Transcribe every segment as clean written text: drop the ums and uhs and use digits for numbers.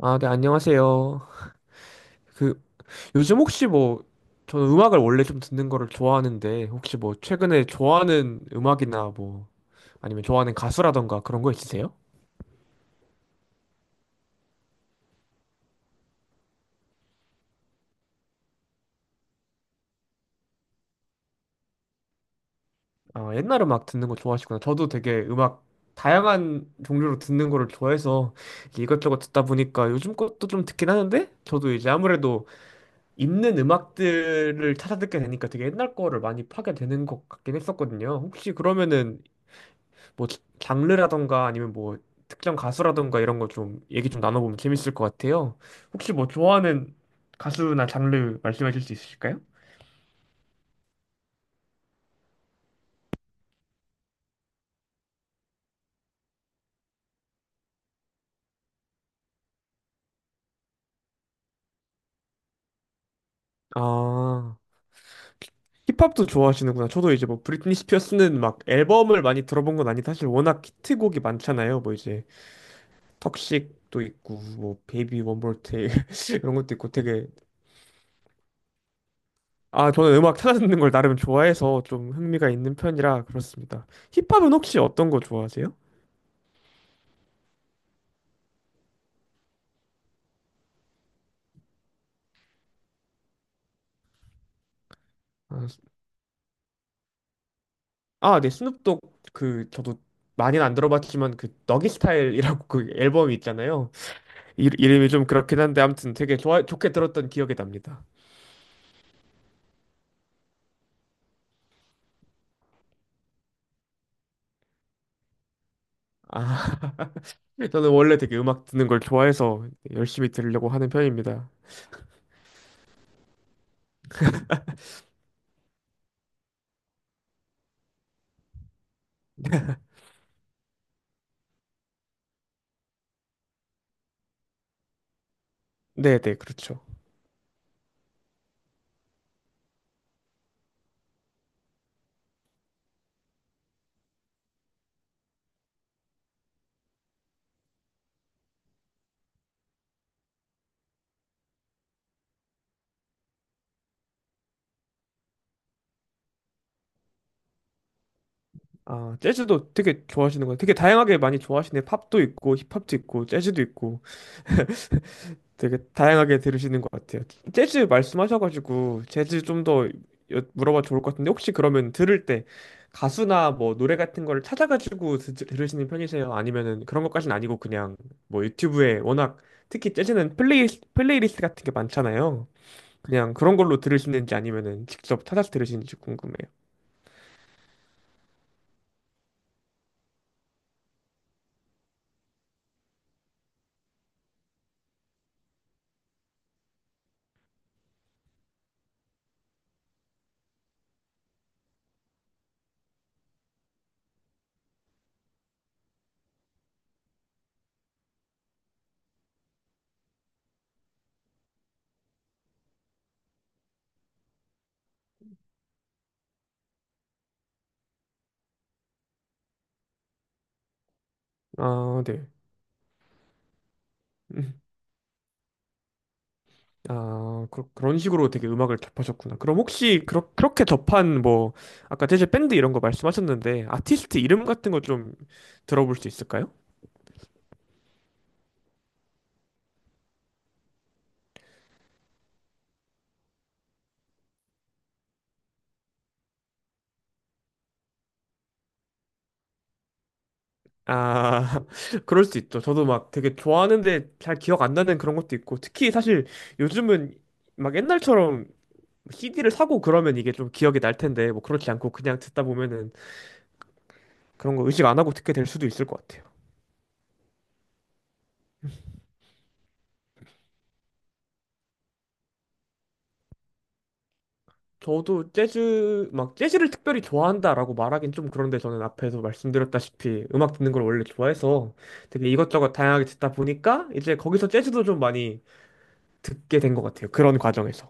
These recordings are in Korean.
아, 네, 안녕하세요. 그, 요즘 혹시 뭐, 저는 음악을 원래 좀 듣는 거를 좋아하는데, 혹시 뭐, 최근에 좋아하는 음악이나 뭐, 아니면 좋아하는 가수라던가 그런 거 있으세요? 아, 옛날 음악 듣는 거 좋아하시구나. 저도 되게 음악, 다양한 종류로 듣는 거를 좋아해서 이 이것저것 듣다 보니까 요즘 것도 좀 듣긴 하는데, 저도 이제 아무래도 있는 음악들을 찾아 듣게 되니까 되게 옛날 거를 많이 파게 되는 것 같긴 했었거든요. 혹시 그러면은, 뭐 장르라던가 아니면 뭐 특정 가수라던가 이런 거 좀 얘기 좀 나눠보면 재밌을 것 같아요. 혹시 뭐 좋아하는 가수나 장르 말씀해 주실 수 있으실까요? 아, 힙합도 좋아하시는구나. 저도 이제 뭐 브리트니 스피어스는 막 앨범을 많이 들어본 건 아닌데 사실 워낙 히트곡이 많잖아요. 뭐 이제 턱식도 있고 뭐 베이비 원more 테일 이런 것도 있고 되게. 아 저는 음악 찾아듣는 걸 나름 좋아해서 좀 흥미가 있는 편이라 그렇습니다. 힙합은 혹시 어떤 거 좋아하세요? 아, 아, 네, 스눕독 그 저도 많이는 안 들어봤지만 그 너기 스타일이라고 그 앨범이 있잖아요. 이, 이름이 좀 그렇긴 한데 아무튼 되게 좋아 좋게 들었던 기억이 납니다. 아, 저는 원래 되게 음악 듣는 걸 좋아해서 열심히 들으려고 하는 편입니다. 네, 네, 그렇죠. 아, 재즈도 되게 좋아하시는 거예요. 되게 다양하게 많이 좋아하시네. 팝도 있고 힙합도 있고 재즈도 있고. 되게 다양하게 들으시는 것 같아요. 재즈 말씀하셔가지고 재즈 좀 더 물어봐 좋을 것 같은데 혹시 그러면 들을 때 가수나 뭐 노래 같은 걸 찾아가지고 들으시는 편이세요? 아니면은 그런 것까지는 아니고 그냥 뭐 유튜브에 워낙 특히 재즈는 플레이리스트 같은 게 많잖아요. 그냥 그런 걸로 들으시는지 아니면은 직접 찾아서 들으시는지 궁금해요. 아, 네. 음. 아, 그런 식으로 되게 음악을 접하셨구나. 그럼 혹시 그렇게 접한 뭐 아까 재즈 밴드 이런 거 말씀하셨는데 아티스트 이름 같은 거 좀 들어볼 수 있을까요? 아, 그럴 수 있죠. 저도 막 되게 좋아하는데 잘 기억 안 나는 그런 것도 있고 특히 사실 요즘은 막 옛날처럼 CD를 사고 그러면 이게 좀 기억이 날 텐데 뭐 그렇지 않고 그냥 듣다 보면은 그런 거 의식 안 하고 듣게 될 수도 있을 것 같아요. 저도 재즈, 막 재즈를 특별히 좋아한다라고 말하긴 좀 그런데 저는 앞에서 말씀드렸다시피 음악 듣는 걸 원래 좋아해서 되게 이것저것 다양하게 듣다 보니까 이제 거기서 재즈도 좀 많이 듣게 된 것 같아요. 그런 과정에서.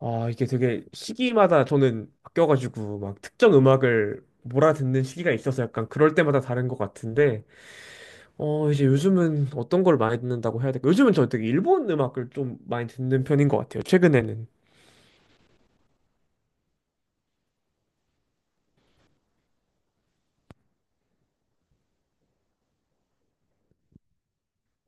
아, 이게 되게 시기마다 저는 바뀌어가지고 막 특정 음악을 몰아듣는 시기가 있어서 약간 그럴 때마다 다른 것 같은데, 이제 요즘은 어떤 걸 많이 듣는다고 해야 될까? 요즘은 저 되게 일본 음악을 좀 많이 듣는 편인 것 같아요. 최근에는.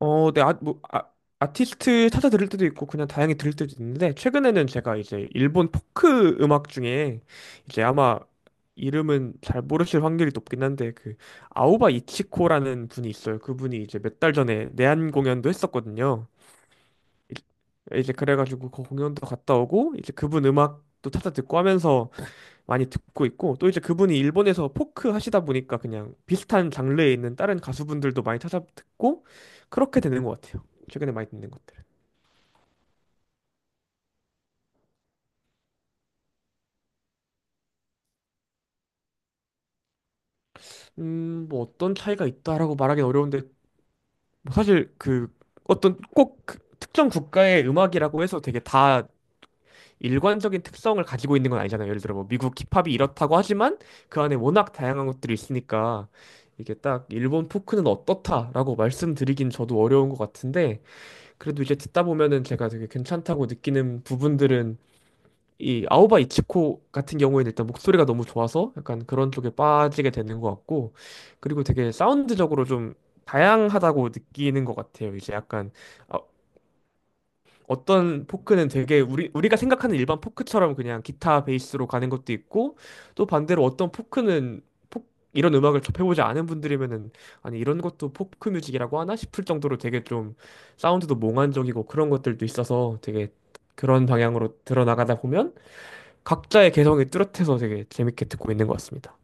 어, 네, 아, 뭐, 아, 아티스트 찾아 들을 때도 있고 그냥 다양히 들을 때도 있는데 최근에는 제가 이제 일본 포크 음악 중에 이제 아마 이름은 잘 모르실 확률이 높긴 한데 그 아오바 이치코라는 분이 있어요. 그분이 이제 몇 달 전에 내한 공연도 했었거든요. 이제 그래가지고 그 공연도 갔다 오고 이제 그분 음악도 찾아 듣고 하면서 많이 듣고 있고 또 이제 그분이 일본에서 포크 하시다 보니까 그냥 비슷한 장르에 있는 다른 가수분들도 많이 찾아 듣고 그렇게 되는 것 같아요. 최근에 많이 듣는 것들. 뭐 어떤 차이가 있다라고 말하기는 어려운데 뭐 사실 그 어떤 꼭그 특정 국가의 음악이라고 해서 되게 다 일관적인 특성을 가지고 있는 건 아니잖아요. 예를 들어 뭐 미국 힙합이 이렇다고 하지만 그 안에 워낙 다양한 것들이 있으니까 이게 딱 일본 포크는 어떻다라고 말씀드리긴 저도 어려운 것 같은데 그래도 이제 듣다 보면은 제가 되게 괜찮다고 느끼는 부분들은 이 아오바 이치코 같은 경우에는 일단 목소리가 너무 좋아서 약간 그런 쪽에 빠지게 되는 것 같고 그리고 되게 사운드적으로 좀 다양하다고 느끼는 것 같아요. 이제 약간 어떤 포크는 되게 우리가 생각하는 일반 포크처럼 그냥 기타 베이스로 가는 것도 있고 또 반대로 어떤 포크는 포- 이런 음악을 접해보지 않은 분들이면은 아니 이런 것도 포크 뮤직이라고 하나 싶을 정도로 되게 좀 사운드도 몽환적이고 그런 것들도 있어서 되게 그런 방향으로 들어나가다 보면 각자의 개성이 뚜렷해서 되게 재밌게 듣고 있는 것 같습니다.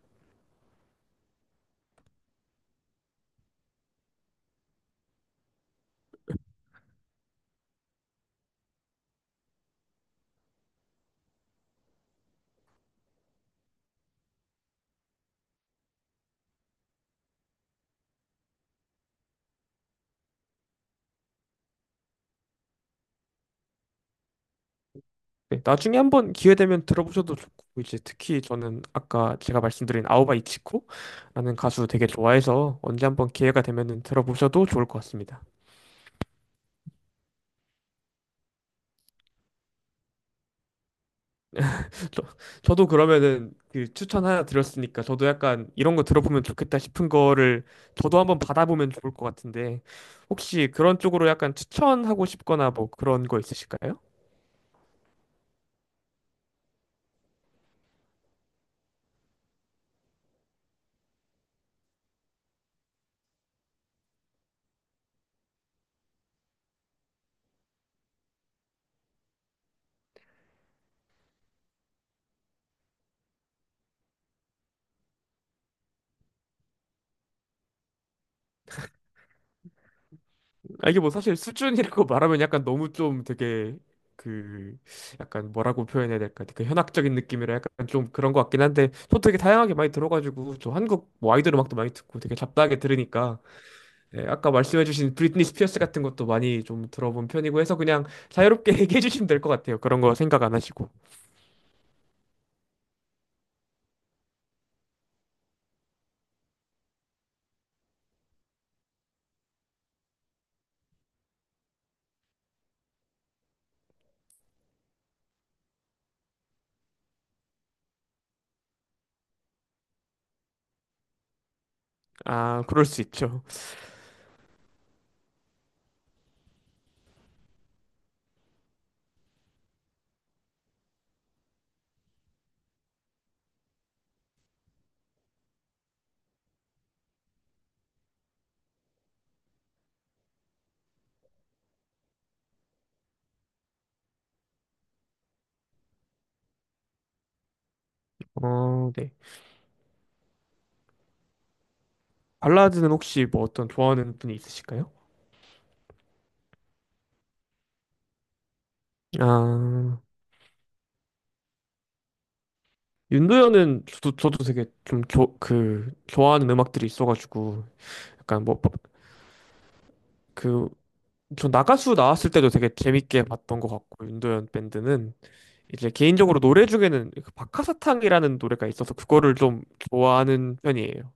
네, 나중에 한번 기회 되면 들어보셔도 좋고 이제 특히 저는 아까 제가 말씀드린 아오바 이치코라는 가수 되게 좋아해서 언제 한번 기회가 되면은 들어보셔도 좋을 것 같습니다. 저, 저도 그러면은 그 추천 하나 드렸으니까 저도 약간 이런 거 들어보면 좋겠다 싶은 거를 저도 한번 받아보면 좋을 것 같은데 혹시 그런 쪽으로 약간 추천하고 싶거나 뭐 그런 거 있으실까요? 아, 이게 뭐 사실 수준이라고 말하면 약간 너무 좀 되게 그 약간 뭐라고 표현해야 될까? 그 현학적인 느낌이라 약간 좀 그런 것 같긴 한데 저 되게 다양하게 많이 들어가지고 저 한국 뭐 아이돌 음악도 많이 듣고 되게 잡다하게 들으니까 예, 아까 말씀해주신 브리트니 스피어스 같은 것도 많이 좀 들어본 편이고 해서 그냥 자유롭게 얘기해 주시면 될 것 같아요. 그런 거 생각 안 하시고. 아 그럴 수 있죠. 어, 네. 발라드는 혹시 뭐 어떤 좋아하는 분이 있으실까요? 아. 윤도현은 저도 되게 좀 좋아하는 음악들이 있어가지고, 약간 뭐, 그, 저 나가수 나왔을 때도 되게 재밌게 봤던 것 같고, 윤도현 밴드는. 이제 개인적으로 노래 중에는 그 박하사탕이라는 노래가 있어서 그거를 좀 좋아하는 편이에요.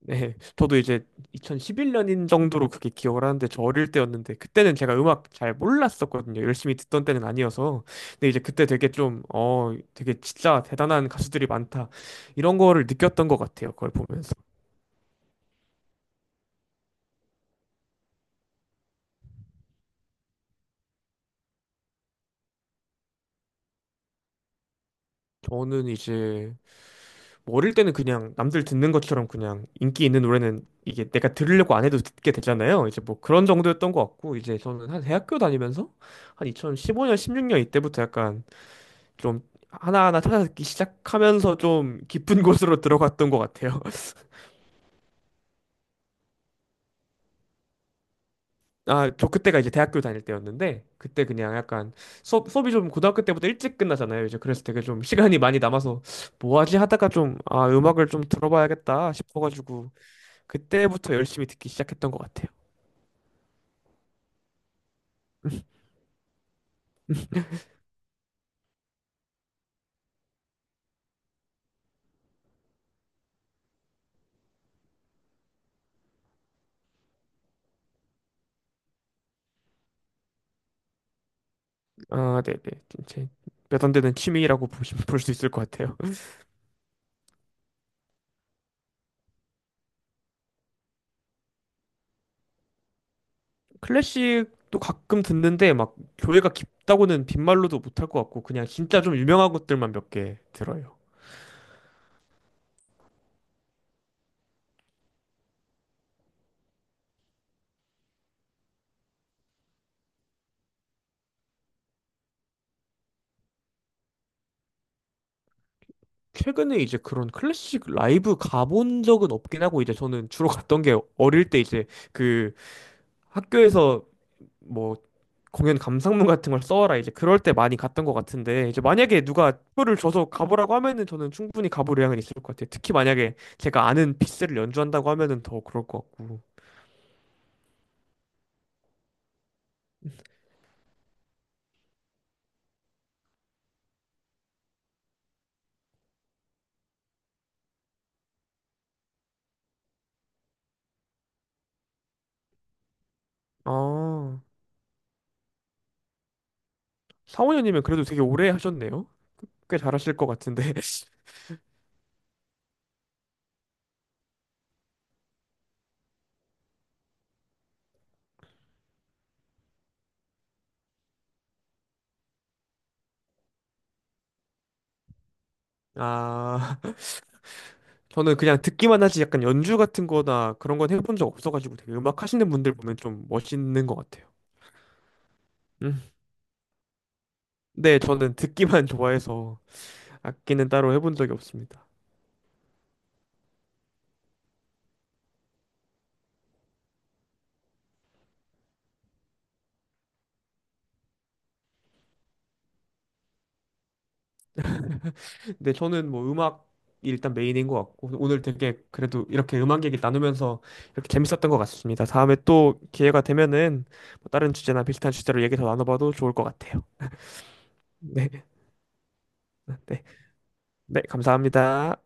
네, 저도 이제 2011년인 정도로 그게 기억을 하는데 저 어릴 때였는데 그때는 제가 음악 잘 몰랐었거든요. 열심히 듣던 때는 아니어서. 근데 이제 그때 되게 좀, 어, 되게 진짜 대단한 가수들이 많다. 이런 거를 느꼈던 것 같아요. 그걸 보면서. 저는 이제 뭐 어릴 때는 그냥 남들 듣는 것처럼 그냥 인기 있는 노래는 이게 내가 들으려고 안 해도 듣게 되잖아요. 이제 뭐 그런 정도였던 것 같고 이제 저는 한 대학교 다니면서 한 2015년, 16년 이때부터 약간 좀 하나하나 찾아듣기 시작하면서 좀 깊은 곳으로 들어갔던 것 같아요. 아, 저 그때가 이제 대학교 다닐 때였는데 그때 그냥 약간 수업이 좀 고등학교 때부터 일찍 끝나잖아요. 이제 그래서 되게 좀 시간이 많이 남아서 뭐 하지 하다가 좀 아, 음악을 좀 들어봐야겠다 싶어가지고 그때부터 열심히 듣기 시작했던 것 같아요. 아, 네네. 제 몇 안 되는 취미라고 볼 수 있을 것 같아요. 클래식도 가끔 듣는데 막 교회가 깊다고는 빈말로도 못 할 것 같고 그냥 진짜 좀 유명한 것들만 몇 개 들어요. 최근에 이제 그런 클래식 라이브 가본 적은 없긴 하고 이제 저는 주로 갔던 게 어릴 때 이제 그 학교에서 뭐 공연 감상문 같은 걸 써와라 이제 그럴 때 많이 갔던 것 같은데 이제 만약에 누가 표를 줘서 가보라고 하면은 저는 충분히 가볼 의향은 있을 것 같아요. 특히 만약에 제가 아는 피스를 연주한다고 하면은 더 그럴 것 같고. 아, 사원현님은 그래도 되게 오래 하셨네요. 꽤 잘하실 것 같은데. 아. 저는 그냥 듣기만 하지 약간 연주 같은 거나 그런 건 해본 적 없어가지고 되게 음악 하시는 분들 보면 좀 멋있는 것 같아요. 음. 네, 저는 듣기만 좋아해서 악기는 따로 해본 적이 없습니다. 근데 저는 뭐 음악이 일단 메인인 것 같고 오늘 되게 그래도 이렇게 음악 얘기 나누면서 이렇게 재밌었던 것 같습니다. 다음에 또 기회가 되면은 뭐 다른 주제나 비슷한 주제로 얘기 더 나눠봐도 좋을 것 같아요. 네, 네, 네, 감사합니다.